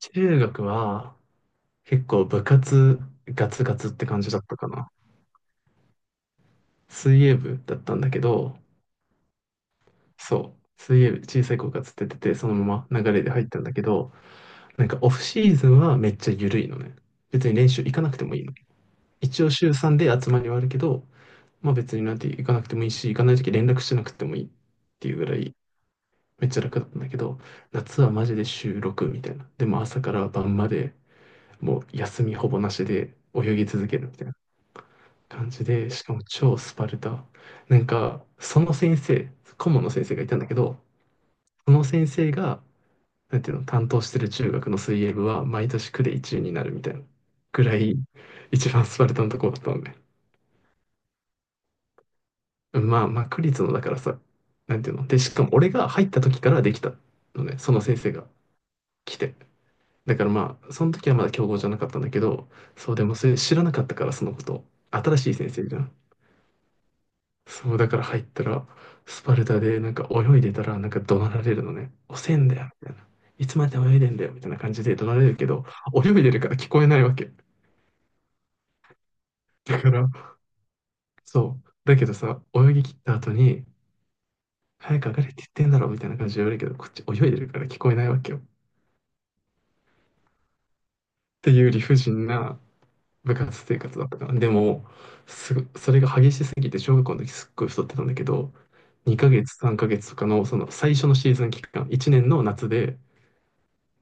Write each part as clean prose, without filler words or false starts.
中学は結構部活ガツガツって感じだったかな。水泳部だったんだけど、そう、水泳部小さい子がつっててて、そのまま流れで入ったんだけど、なんかオフシーズンはめっちゃ緩いのね。別に練習行かなくてもいいの。一応週3で集まりはあるけど、まあ別になんて行かなくてもいいし、行かない時連絡しなくてもいいっていうぐらいめっちゃ楽だったんだけど、夏はマジで週6みたいな。でも朝から晩までもう休みほぼなしで泳ぎ続けるみたいな感じで、しかも超スパルタ。なんか、その先生、顧問の先生がいたんだけど、その先生が、なんていうの、担当してる中学の水泳部は毎年区で1位になるみたいなぐらい、一番スパルタのとこだったのね。まあまあ、区立のだからさ、なんていうの。で、しかも俺が入った時からできたのね、その先生が来て。だからまあ、その時はまだ強豪じゃなかったんだけど、そうでもそれ知らなかったから、そのこと。新しい先生じゃん。そう、だから入ったら、スパルタで、なんか泳いでたら、なんか怒鳴られるのね。遅えんだよ、みたいな。いつまで泳いでんだよ、みたいな感じで怒鳴られるけど、泳いでるから聞こえないわけ。だから、そう。だけどさ、泳ぎ切った後に、早く上がれって言ってんだろ、みたいな感じで言われるけど、こっち泳いでるから聞こえないわけよ。っていう理不尽な部活生活だったから。でも、それが激しすぎて、小学校の時すっごい太ってたんだけど、2ヶ月、3ヶ月とかの、その最初のシーズン期間、1年の夏で、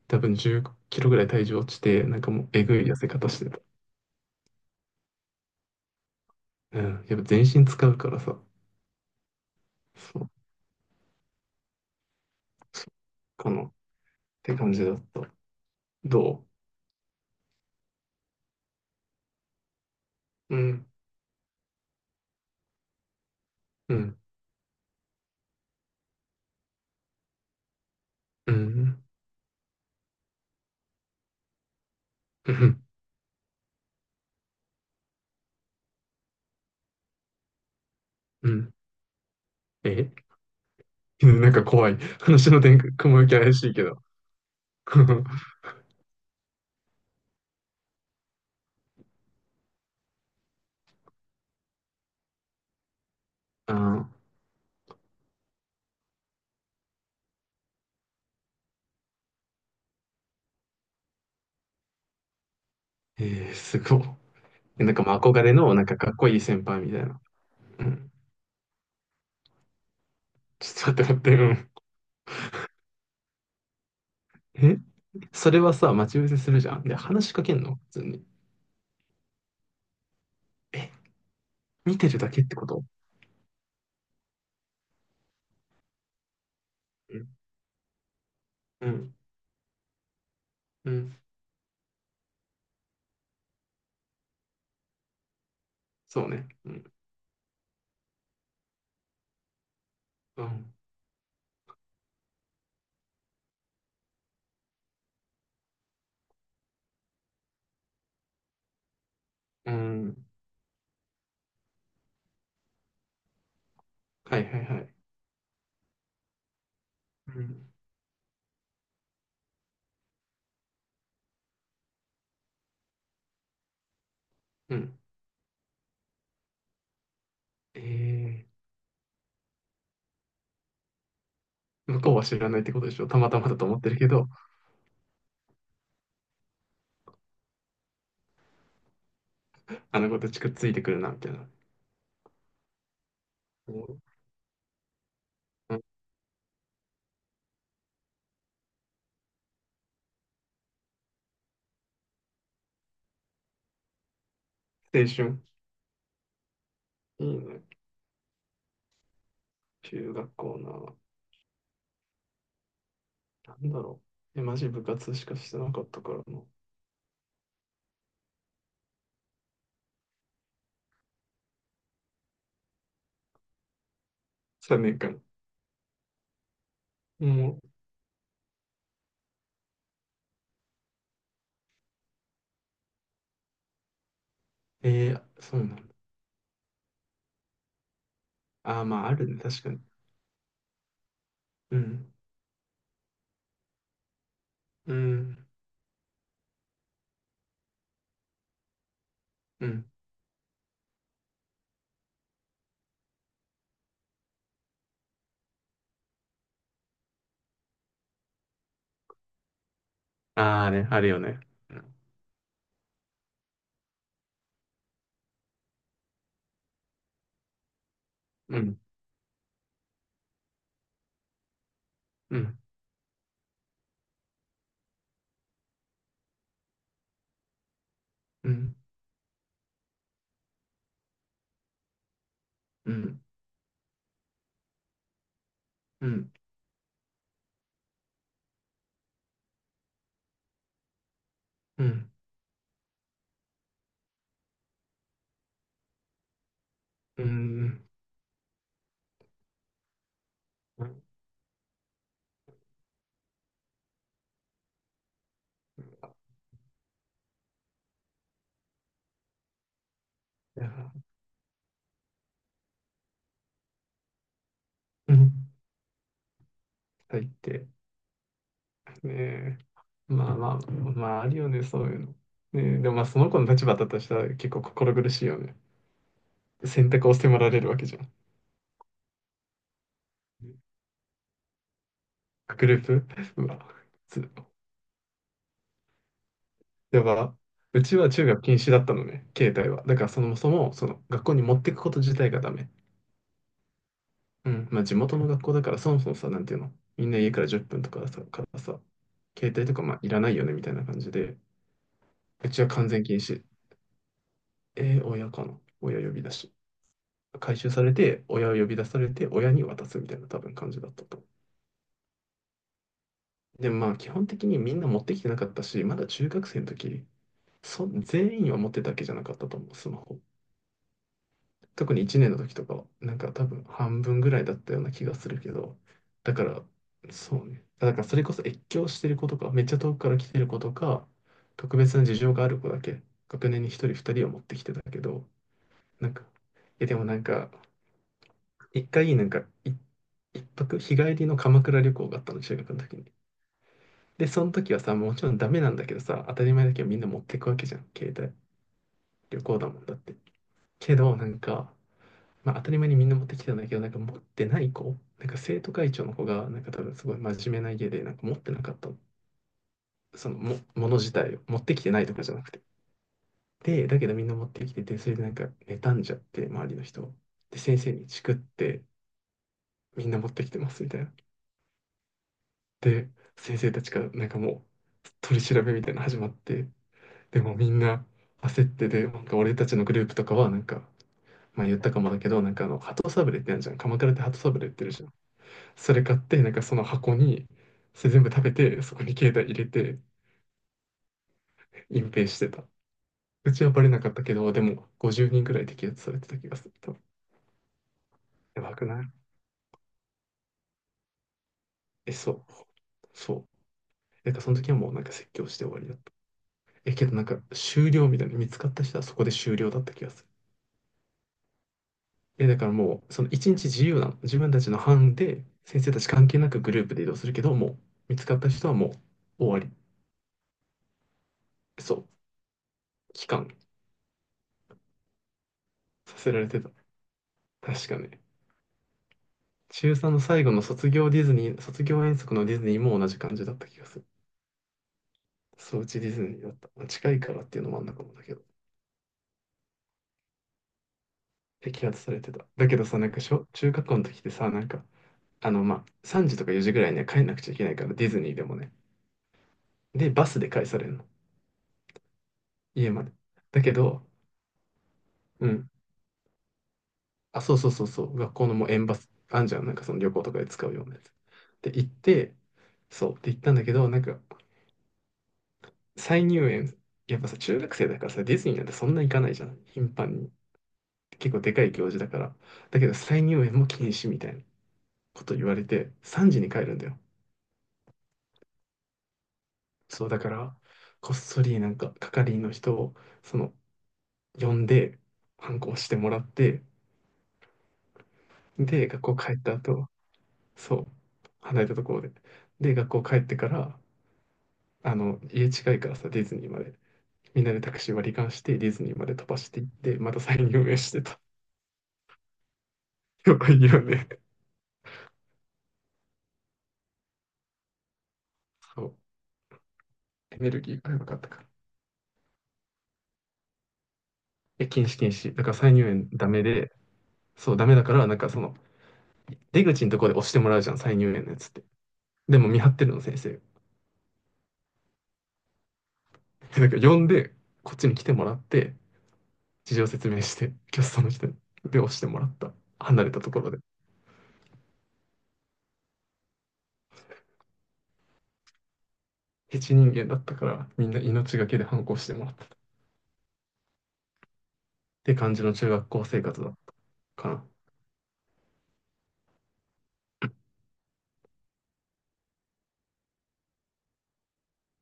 多分10キロぐらい体重落ちて、なんかもうえぐい痩せ方してた。うん。やっぱ全身使うからさ、そう、そうかなって感じだった。どうん、うん、うん、うん、うん。え なんか怖い。話の展開、雲行き怪しいけど。あー、えー、すごい。なんかまあ憧れの、なんかかっこいい先輩みたいな。うん。ちょっと待って待って、うん。それはさ、待ち伏せするじゃん。で、話しかけんの普通に。え、見てるだけってこと？うん。うん。うんそうね。うん。うん。うんはいはいはい。うん。うん。ええー、向こうは知らないってことでしょ？たまたまだと思ってるけど、あの子たちくっついてくるな、みたいな。うんうん青春。いいね。中学校な。なんだろう。え、マジ部活しかしてなかったからな。3年間。もう、えー、そうなんだ。ああ、まあ、あるね。確かに。うん。うん。うん。ああね、あるよね。うん。うん。うん。うん。うん。うん。うん。うん。いやうん入って、ねえ、まあまあ、まああるよね、そういうの。ねえ、でもまあその子の立場だとしたら結構心苦しいよね。選択を迫られるわけじゃん。グループ うわ、つやば。うちは中学禁止だったのね、携帯は。だからそもそも、その学校に持ってくこと自体がダメ。うん、まあ地元の学校だからそもそもさ、なんていうの、みんな家から10分とかさ、からさ、携帯とかまあいらないよねみたいな感じで、うちは完全禁止。親かな親呼び出し。回収されて、親を呼び出されて、親に渡すみたいな多分感じだったと。で、まあ基本的にみんな持ってきてなかったし、まだ中学生の時、全員は持ってたわけじゃなかったと思う、スマホ。特に1年の時とかは、なんか多分半分ぐらいだったような気がするけど、だから、そうね。だからそれこそ越境してる子とか、めっちゃ遠くから来てる子とか、特別な事情がある子だけ、学年に一人二人を持ってきてたけど、なんか、いやでもなんか、一回、なんか、一泊、日帰りの鎌倉旅行があったの、中学の時に。で、その時はさ、もちろんダメなんだけどさ、当たり前だけどみんな持ってくわけじゃん。携帯、旅行だもんだって。けど、なんか、まあ当たり前にみんな持ってきてたんだけど、なんか持ってない子、なんか生徒会長の子が、なんか多分すごい真面目な家で、なんか持ってなかったの、もの自体を持ってきてないとかじゃなくて。で、だけどみんな持ってきてて、それでなんか妬んじゃって、周りの人を。で、先生にチクって、みんな持ってきてますみたいな。で、先生たちからなんかもう取り調べみたいなの始まって、でもみんな焦ってで、なんか俺たちのグループとかはなんか、まあ言ったかもだけど、なんかあの、鳩サブレーってあるじゃん。鎌倉って鳩サブレー売ってるじゃん。それ買って、なんかその箱に、それ全部食べて、そこに携帯入れて、隠蔽してた。うちはバレなかったけど、でも50人くらい摘発されてた気がする。多分やばくない？え、そう。そう。その時はもうなんか説教して終わりだった。え、けどなんか終了みたいな、見つかった人はそこで終了だった気がする。え、だからもう、その一日自由なの。自分たちの班で、先生たち関係なくグループで移動するけど、もう、見つかった人はもう、終わり。そう、帰還させられてた。確かね。中3の最後の卒業ディズニー、卒業遠足のディズニーも同じ感じだった気がする。そう、うちディズニーだった。まあ近いからっていうのもあんのかもだけど、摘発されてた。だけどさ、なんか小、中学校の時ってさ、なんか、あの、まあ、3時とか4時ぐらいには帰んなくちゃいけないから、ディズニーでもね。で、バスで帰されるの。家まで。だけど、うん。あ、そうそうそうそう、学校のもう園バス、あんじゃん、なんかその旅行とかで使うようなやつ。で、行って、そう、で行ったんだけど、なんか、再入園、やっぱさ、中学生だからさ、ディズニーなんてそんな行かないじゃん、頻繁に。結構でかい行事だから。だけど、再入園も禁止みたいなこと言われて、3時に帰るんだよ。そう、だから、こっそりなんか、係員の人を、その、呼んで、反抗してもらって、で、学校帰った後、そう、離れたところで。で、学校帰ってから、あの、家近いからさ、ディズニーまで。みんなでタクシー割り勘して、ディズニーまで飛ばしていって、また再入園してた。よく言うよね。そう。エネルギーがやばかったから。え、禁止禁止。だから再入園ダメで、そう、ダメだから、なんかその、出口のところで押してもらうじゃん、再入園のやつって。でも見張ってるの、先生。でなんか呼んで、こっちに来てもらって、事情説明して、キャストの人に。で、押してもらった。離れたところで。ヘチ人間だったから、みんな命がけで反抗してもらった。って感じの中学校生活だったかな。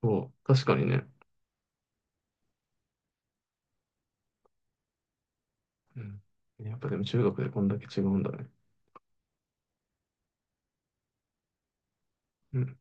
そう、確かにね。うん。やっぱでも中学でこんだけ違うんだね。うん